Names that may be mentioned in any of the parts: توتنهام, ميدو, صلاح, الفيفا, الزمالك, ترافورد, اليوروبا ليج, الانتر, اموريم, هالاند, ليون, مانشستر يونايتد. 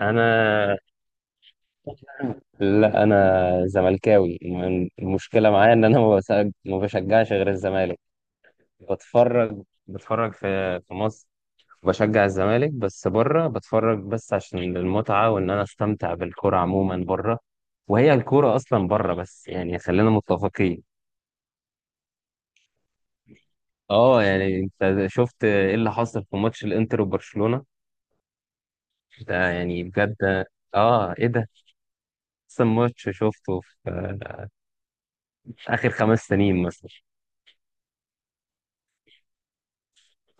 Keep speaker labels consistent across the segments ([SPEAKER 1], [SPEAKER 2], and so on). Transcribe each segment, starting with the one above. [SPEAKER 1] انا لا انا زملكاوي. المشكله معايا ان انا ما بشجعش غير الزمالك. بتفرج في مصر، بشجع الزمالك بس بره، بتفرج بس عشان المتعه وان انا استمتع بالكره عموما بره، وهي الكوره اصلا بره. بس يعني خلينا متفقين. اه، يعني انت شفت ايه اللي حصل في ماتش الانتر وبرشلونه؟ ده يعني بجد. اه، ايه ده! احسن ماتش شفته في اخر 5 سنين مثلا.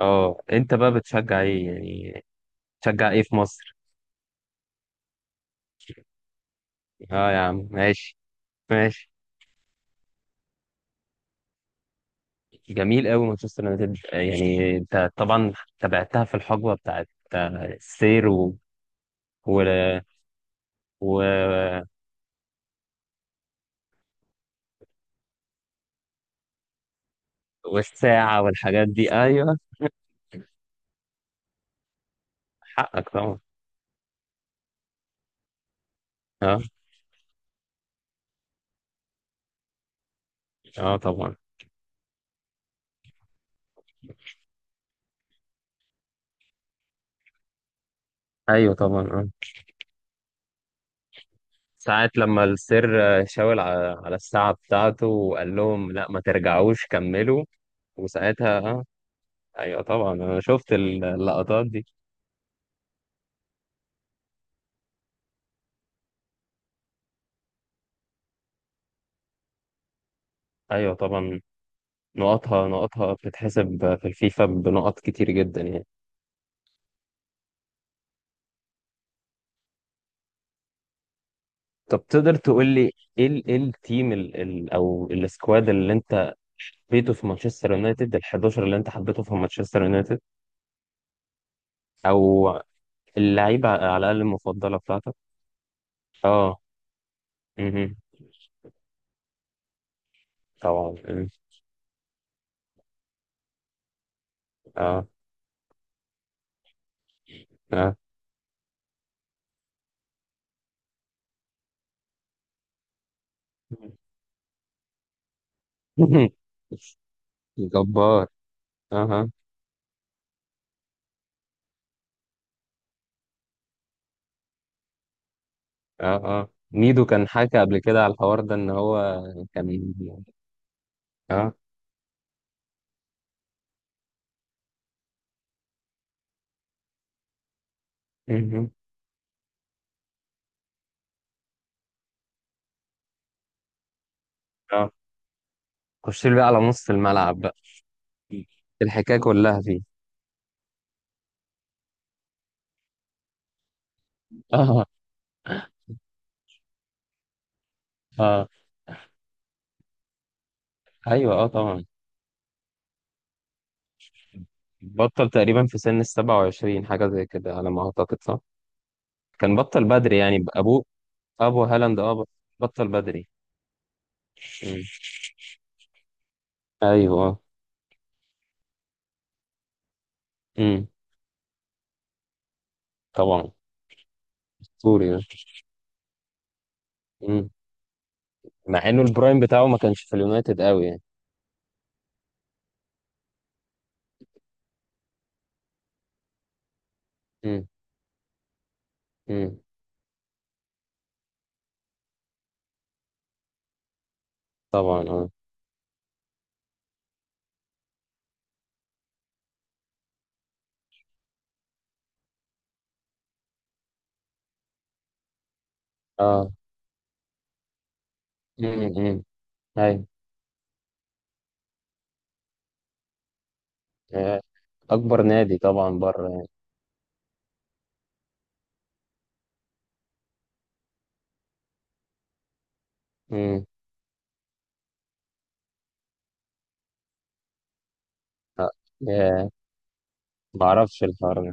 [SPEAKER 1] اه، انت بقى بتشجع ايه يعني؟ بتشجع ايه في مصر؟ اه يا عم، ماشي ماشي. جميل قوي مانشستر يونايتد. يعني انت طبعا تابعتها في الحقبه بتاعت السير و... و... والساعه والحاجات دي. ايوه، حقك طبعا. اه اه طبعا، ايوه طبعا، اه. ساعة لما السير شاور على الساعة بتاعته وقال لهم لا، ما ترجعوش كملوا. وساعتها اه، ايوه طبعا. انا شفت اللقطات دي. ايوه طبعا. نقطها نقطها بتتحسب في الفيفا بنقط كتير جدا يعني. طب تقدر تقول لي ايه إيه التيم ال او السكواد اللي انت حبيته في مانشستر يونايتد؟ ال 11 اللي انت حبيته في مانشستر يونايتد، او اللعيبه على الاقل المفضله بتاعتك. اه. مهم. طبعا. مم. اه اه. جبار. اها. اه اه. ميدو كان حكى قبل كده على الحوار ده ان هو كان اه مهم. اه. خش لي بقى على نص الملعب، الحكاية كلها فيه. اه اه. ايوه اه طبعا. بطل تقريبا في سن ال 27، حاجة زي كده على ما اعتقد، صح؟ كان بطل بدري يعني ابوه. ابو هالاند اه، بطل بدري. مم. ايوه. امم. طبعا. اسطوري ده. مم. مع انه البرايم بتاعه ما كانش في اليونايتد قوي يعني. امم امم. طبعا. اه اه. امم. ايوه. آه. اكبر نادي طبعا بره يعني. امم. آه. آه. ما اعرفش الحوار ده.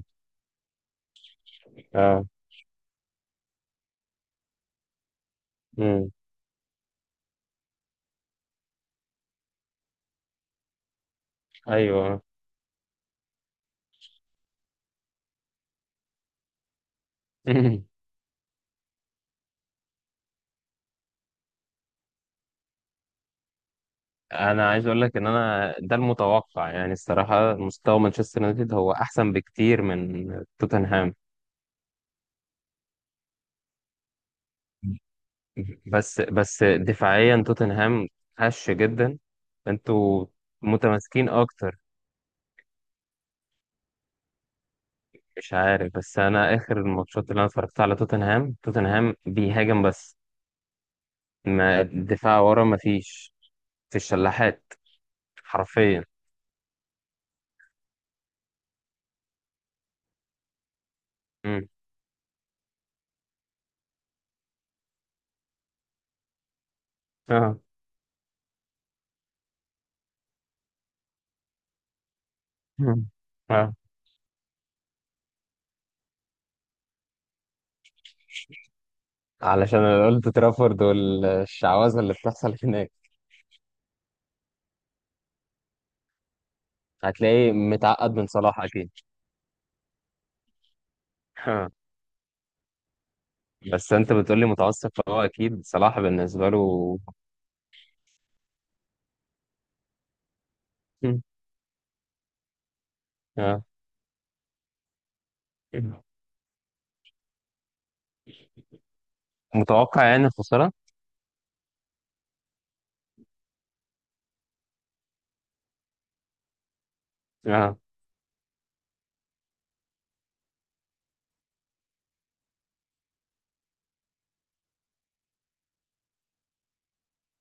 [SPEAKER 1] اه. امم. ايوه. انا عايز اقول لك ان انا ده المتوقع، يعني الصراحه مستوى مانشستر يونايتد هو احسن بكتير من توتنهام. بس دفاعيا توتنهام هش جدا. انتوا متماسكين اكتر. مش عارف، بس انا اخر الماتشات اللي انا اتفرجت على توتنهام بيهاجم بس، ما الدفاع ورا ما فيش. في الشلاحات حرفيا. مم. اه. مم. اه. علشان انا قلت ترافورد والشعوذه اللي بتحصل هناك. هتلاقيه متعقد من صلاح اكيد. ها. بس انت بتقولي متعصب، فهو اكيد صلاح بالنسبه له. آه. متوقع يعني الخساره. اه.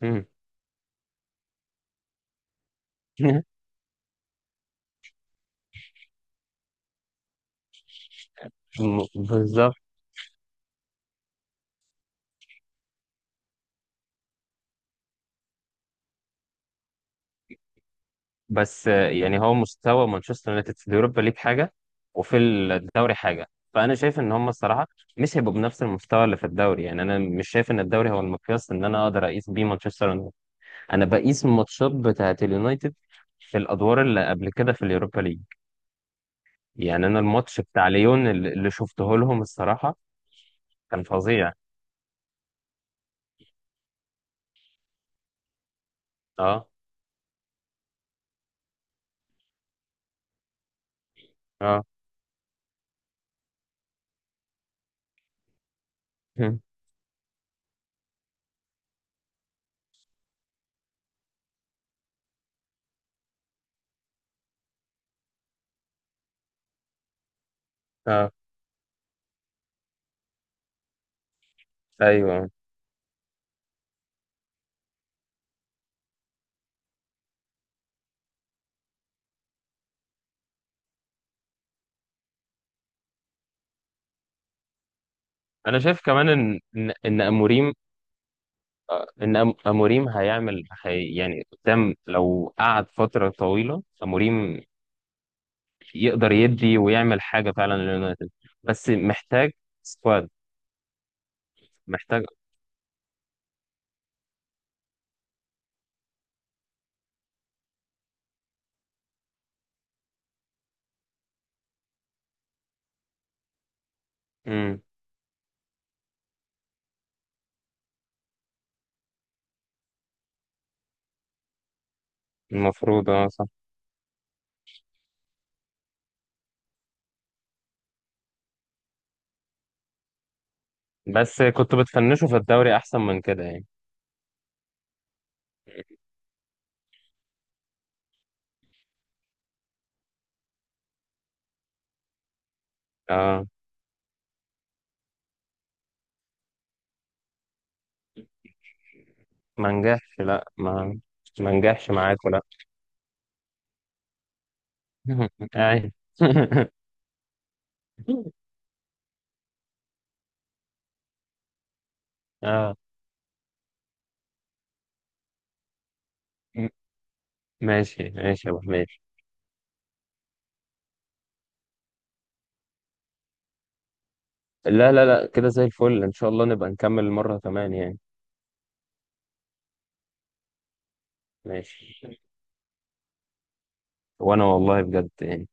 [SPEAKER 1] مم. بالظبط. بس يعني هو مستوى مانشستر يونايتد في اليوروبا ليج حاجه وفي الدوري حاجه. فانا شايف ان هم الصراحه مش هيبقوا بنفس المستوى اللي في الدوري. يعني انا مش شايف ان الدوري هو المقياس ان انا اقدر اقيس بيه مانشستر يونايتد. انا بقيس الماتشات بتاعه اليونايتد في الادوار اللي قبل كده في اليوروبا ليج. يعني انا الماتش بتاع ليون اللي شفته لهم الصراحه كان فظيع. اه اه. اه. ايوه. انا شايف كمان ان ان إن اموريم، اموريم هيعمل هي يعني قدام. لو قعد فتره طويله اموريم يقدر يدي ويعمل حاجه فعلا لليونايتد. بس محتاج سكواد. محتاج. امم. المفروض اه صح. بس كنت بتفنشوا في الدوري احسن من كده يعني. اه. ما نجحش، لا، ما نجحش معاكم. اي. اه. م- ماشي ماشي يا ابو حميد. لا لا لا كده زي الفل. ان شاء الله نبقى نكمل مرة كمان يعني. ماشي. وانا والله بجد يعني.